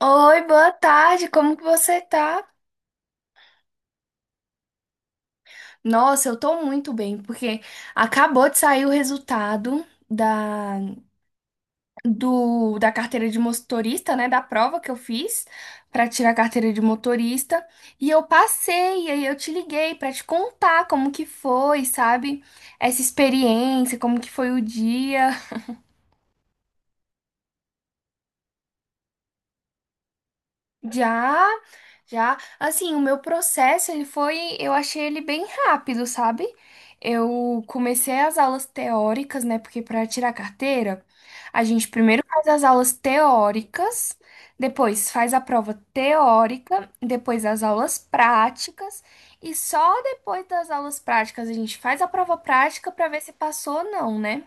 Oi, boa tarde, como que você tá? Nossa, eu tô muito bem, porque acabou de sair o resultado da, da carteira de motorista, né? Da prova que eu fiz pra tirar a carteira de motorista. E eu passei, e aí eu te liguei pra te contar como que foi, sabe? Essa experiência, como que foi o dia. Já, já, assim, o meu processo, ele foi, eu achei ele bem rápido, sabe? Eu comecei as aulas teóricas, né? Porque para tirar carteira, a gente primeiro faz as aulas teóricas, depois faz a prova teórica, depois as aulas práticas, e só depois das aulas práticas a gente faz a prova prática para ver se passou ou não, né?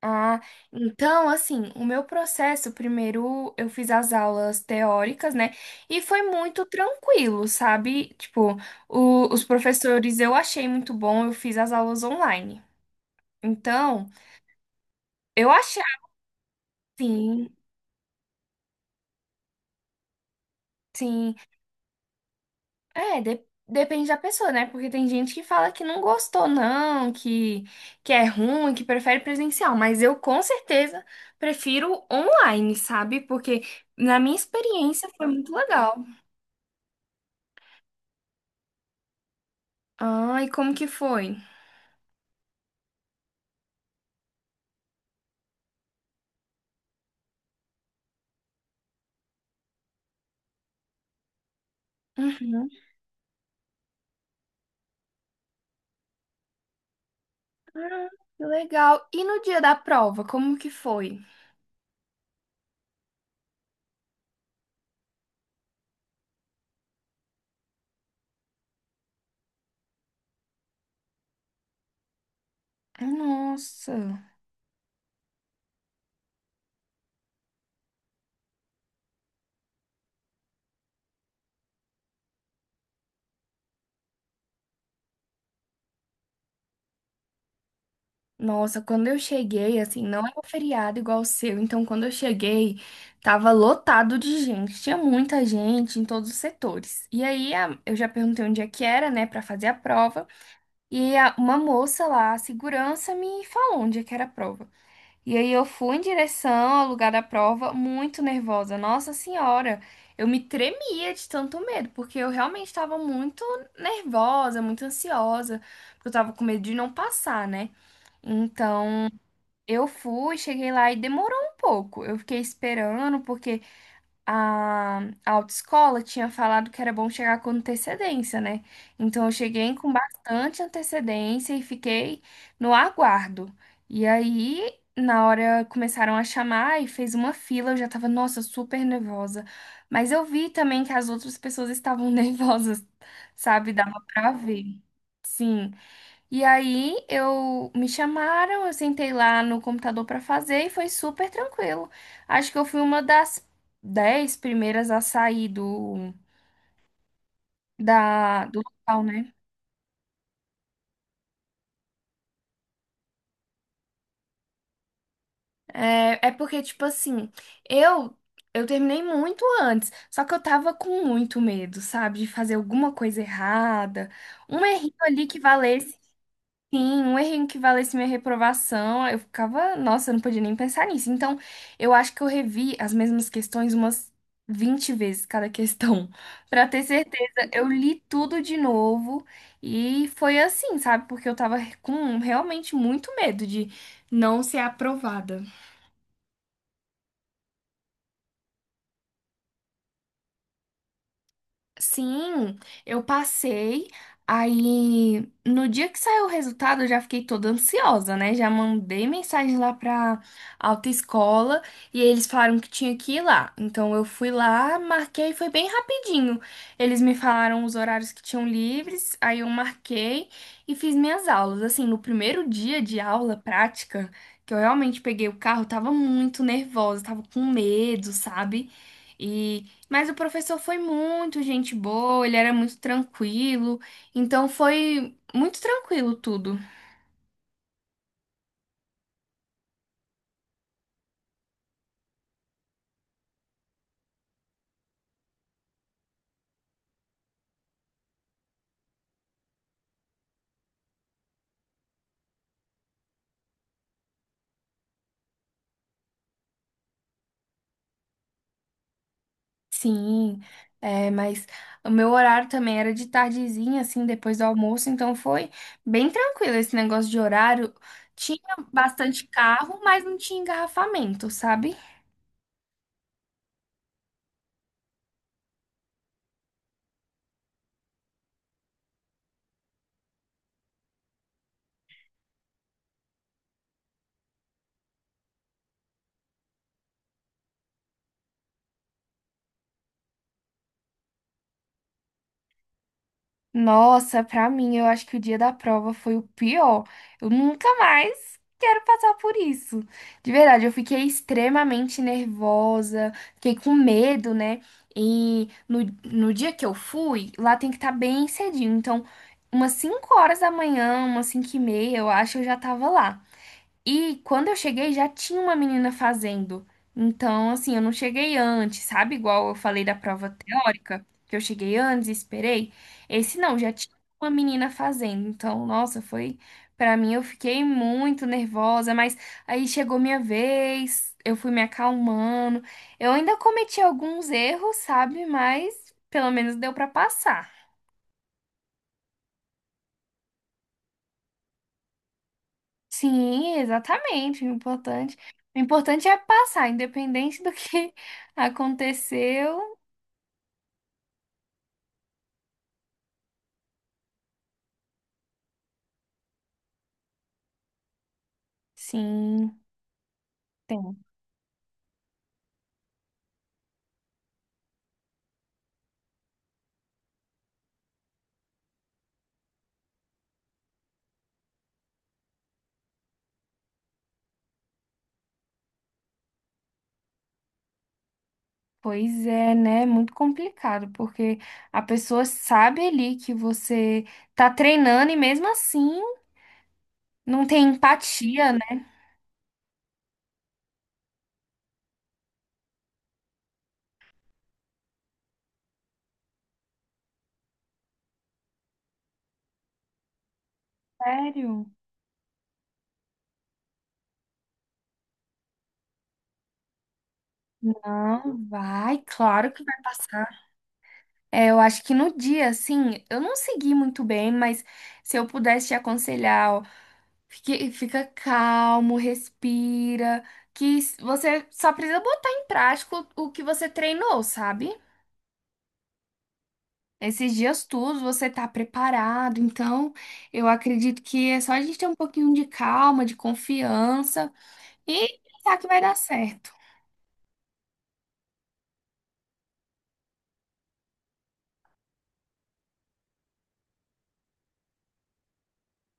Ah, então, assim, o meu processo, primeiro eu fiz as aulas teóricas, né? E foi muito tranquilo, sabe? Tipo, os professores eu achei muito bom, eu fiz as aulas online. Então, eu achei, sim, sim. É, depende da pessoa, né? Porque tem gente que fala que não gostou, não, que é ruim, que prefere presencial. Mas eu, com certeza, prefiro online, sabe? Porque, na minha experiência, foi muito legal. Ah, e como que foi? Uhum. Ah, que legal. E no dia da prova, como que foi? Ah, nossa. Nossa, quando eu cheguei, assim, não é um feriado igual o seu, então quando eu cheguei, tava lotado de gente, tinha muita gente em todos os setores. E aí eu já perguntei onde é que era, né, pra fazer a prova, e uma moça lá, a segurança, me falou onde é que era a prova. E aí eu fui em direção ao lugar da prova muito nervosa. Nossa senhora, eu me tremia de tanto medo, porque eu realmente estava muito nervosa, muito ansiosa, porque eu tava com medo de não passar, né? Então, eu fui, cheguei lá e demorou um pouco. Eu fiquei esperando porque a, a autoescola tinha falado que era bom chegar com antecedência, né? Então eu cheguei com bastante antecedência e fiquei no aguardo. E aí, na hora começaram a chamar e fez uma fila, eu já tava, nossa, super nervosa. Mas eu vi também que as outras pessoas estavam nervosas, sabe? Dava pra ver. Sim. E aí eu me chamaram, eu sentei lá no computador para fazer e foi super tranquilo. Acho que eu fui uma das 10 primeiras a sair do local, né? É, é porque tipo assim, eu eu terminei muito antes, só que eu tava com muito medo, sabe, de fazer alguma coisa errada, um errinho ali que valesse. Sim, um errinho que valesse minha reprovação, eu ficava, nossa, eu não podia nem pensar nisso. Então, eu acho que eu revi as mesmas questões umas 20 vezes cada questão, pra ter certeza. Eu li tudo de novo e foi assim, sabe? Porque eu tava com realmente muito medo de não ser aprovada. Sim, eu passei. Aí, no dia que saiu o resultado, eu já fiquei toda ansiosa, né? Já mandei mensagem lá pra autoescola e eles falaram que tinha que ir lá. Então, eu fui lá, marquei, foi bem rapidinho. Eles me falaram os horários que tinham livres, aí eu marquei e fiz minhas aulas. Assim, no primeiro dia de aula prática, que eu realmente peguei o carro, eu tava muito nervosa, tava com medo, sabe? Mas o professor foi muito gente boa, ele era muito tranquilo, então foi muito tranquilo tudo. Sim, é, mas o meu horário também era de tardezinha, assim, depois do almoço, então foi bem tranquilo esse negócio de horário. Tinha bastante carro, mas não tinha engarrafamento, sabe? Nossa, pra mim, eu acho que o dia da prova foi o pior. Eu nunca mais quero passar por isso. De verdade, eu fiquei extremamente nervosa, fiquei com medo, né? E no dia que eu fui, lá tem que estar bem cedinho. Então, umas 5 horas da manhã, umas 5:30, eu acho, eu já tava lá. E quando eu cheguei, já tinha uma menina fazendo. Então, assim, eu não cheguei antes, sabe? Igual eu falei da prova teórica, que eu cheguei antes e esperei. Esse não, já tinha uma menina fazendo. Então, nossa, foi. Pra mim, eu fiquei muito nervosa, mas aí chegou minha vez, eu fui me acalmando. Eu ainda cometi alguns erros, sabe? Mas pelo menos deu pra passar. Sim, exatamente. O importante é passar, independente do que aconteceu. Sim, tem. Pois é, né? Muito complicado, porque a pessoa sabe ali que você tá treinando e mesmo assim não tem empatia, né? Sério? Não, vai, claro que vai passar. É, eu acho que no dia, assim, eu não segui muito bem, mas se eu pudesse te aconselhar. Fica calmo, respira, que você só precisa botar em prática o que você treinou, sabe? Esses dias todos você tá preparado, então eu acredito que é só a gente ter um pouquinho de calma, de confiança e pensar que vai dar certo.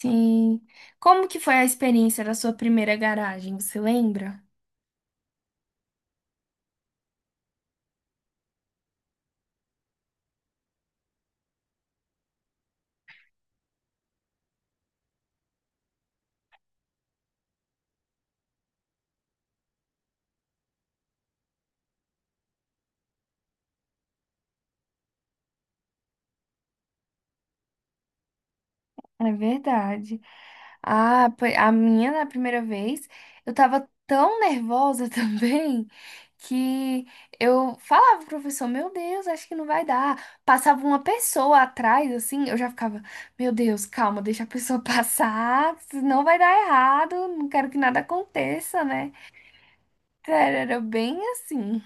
Sim. Como que foi a experiência da sua primeira garagem, você lembra? É verdade. Ah, a minha na primeira vez, eu tava tão nervosa também que eu falava pro professor, meu Deus, acho que não vai dar. Passava uma pessoa atrás, assim, eu já ficava, meu Deus, calma, deixa a pessoa passar, não vai dar errado, não quero que nada aconteça, né? Cara, era bem assim.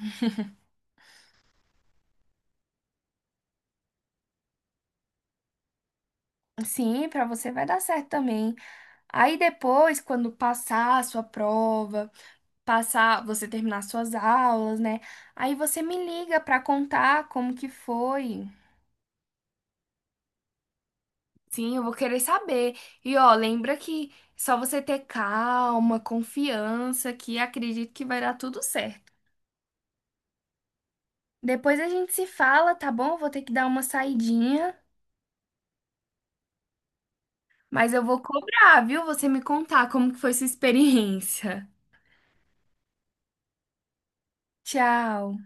Sim, pra você vai dar certo também. Aí depois, quando passar a sua prova passar, você terminar suas aulas, né? Aí você me liga pra contar como que foi. Sim, eu vou querer saber. E ó, lembra que só você ter calma, confiança, que acredito que vai dar tudo certo. Depois a gente se fala, tá bom? Eu vou ter que dar uma saidinha, mas eu vou cobrar, viu? Você me contar como que foi sua experiência. Tchau.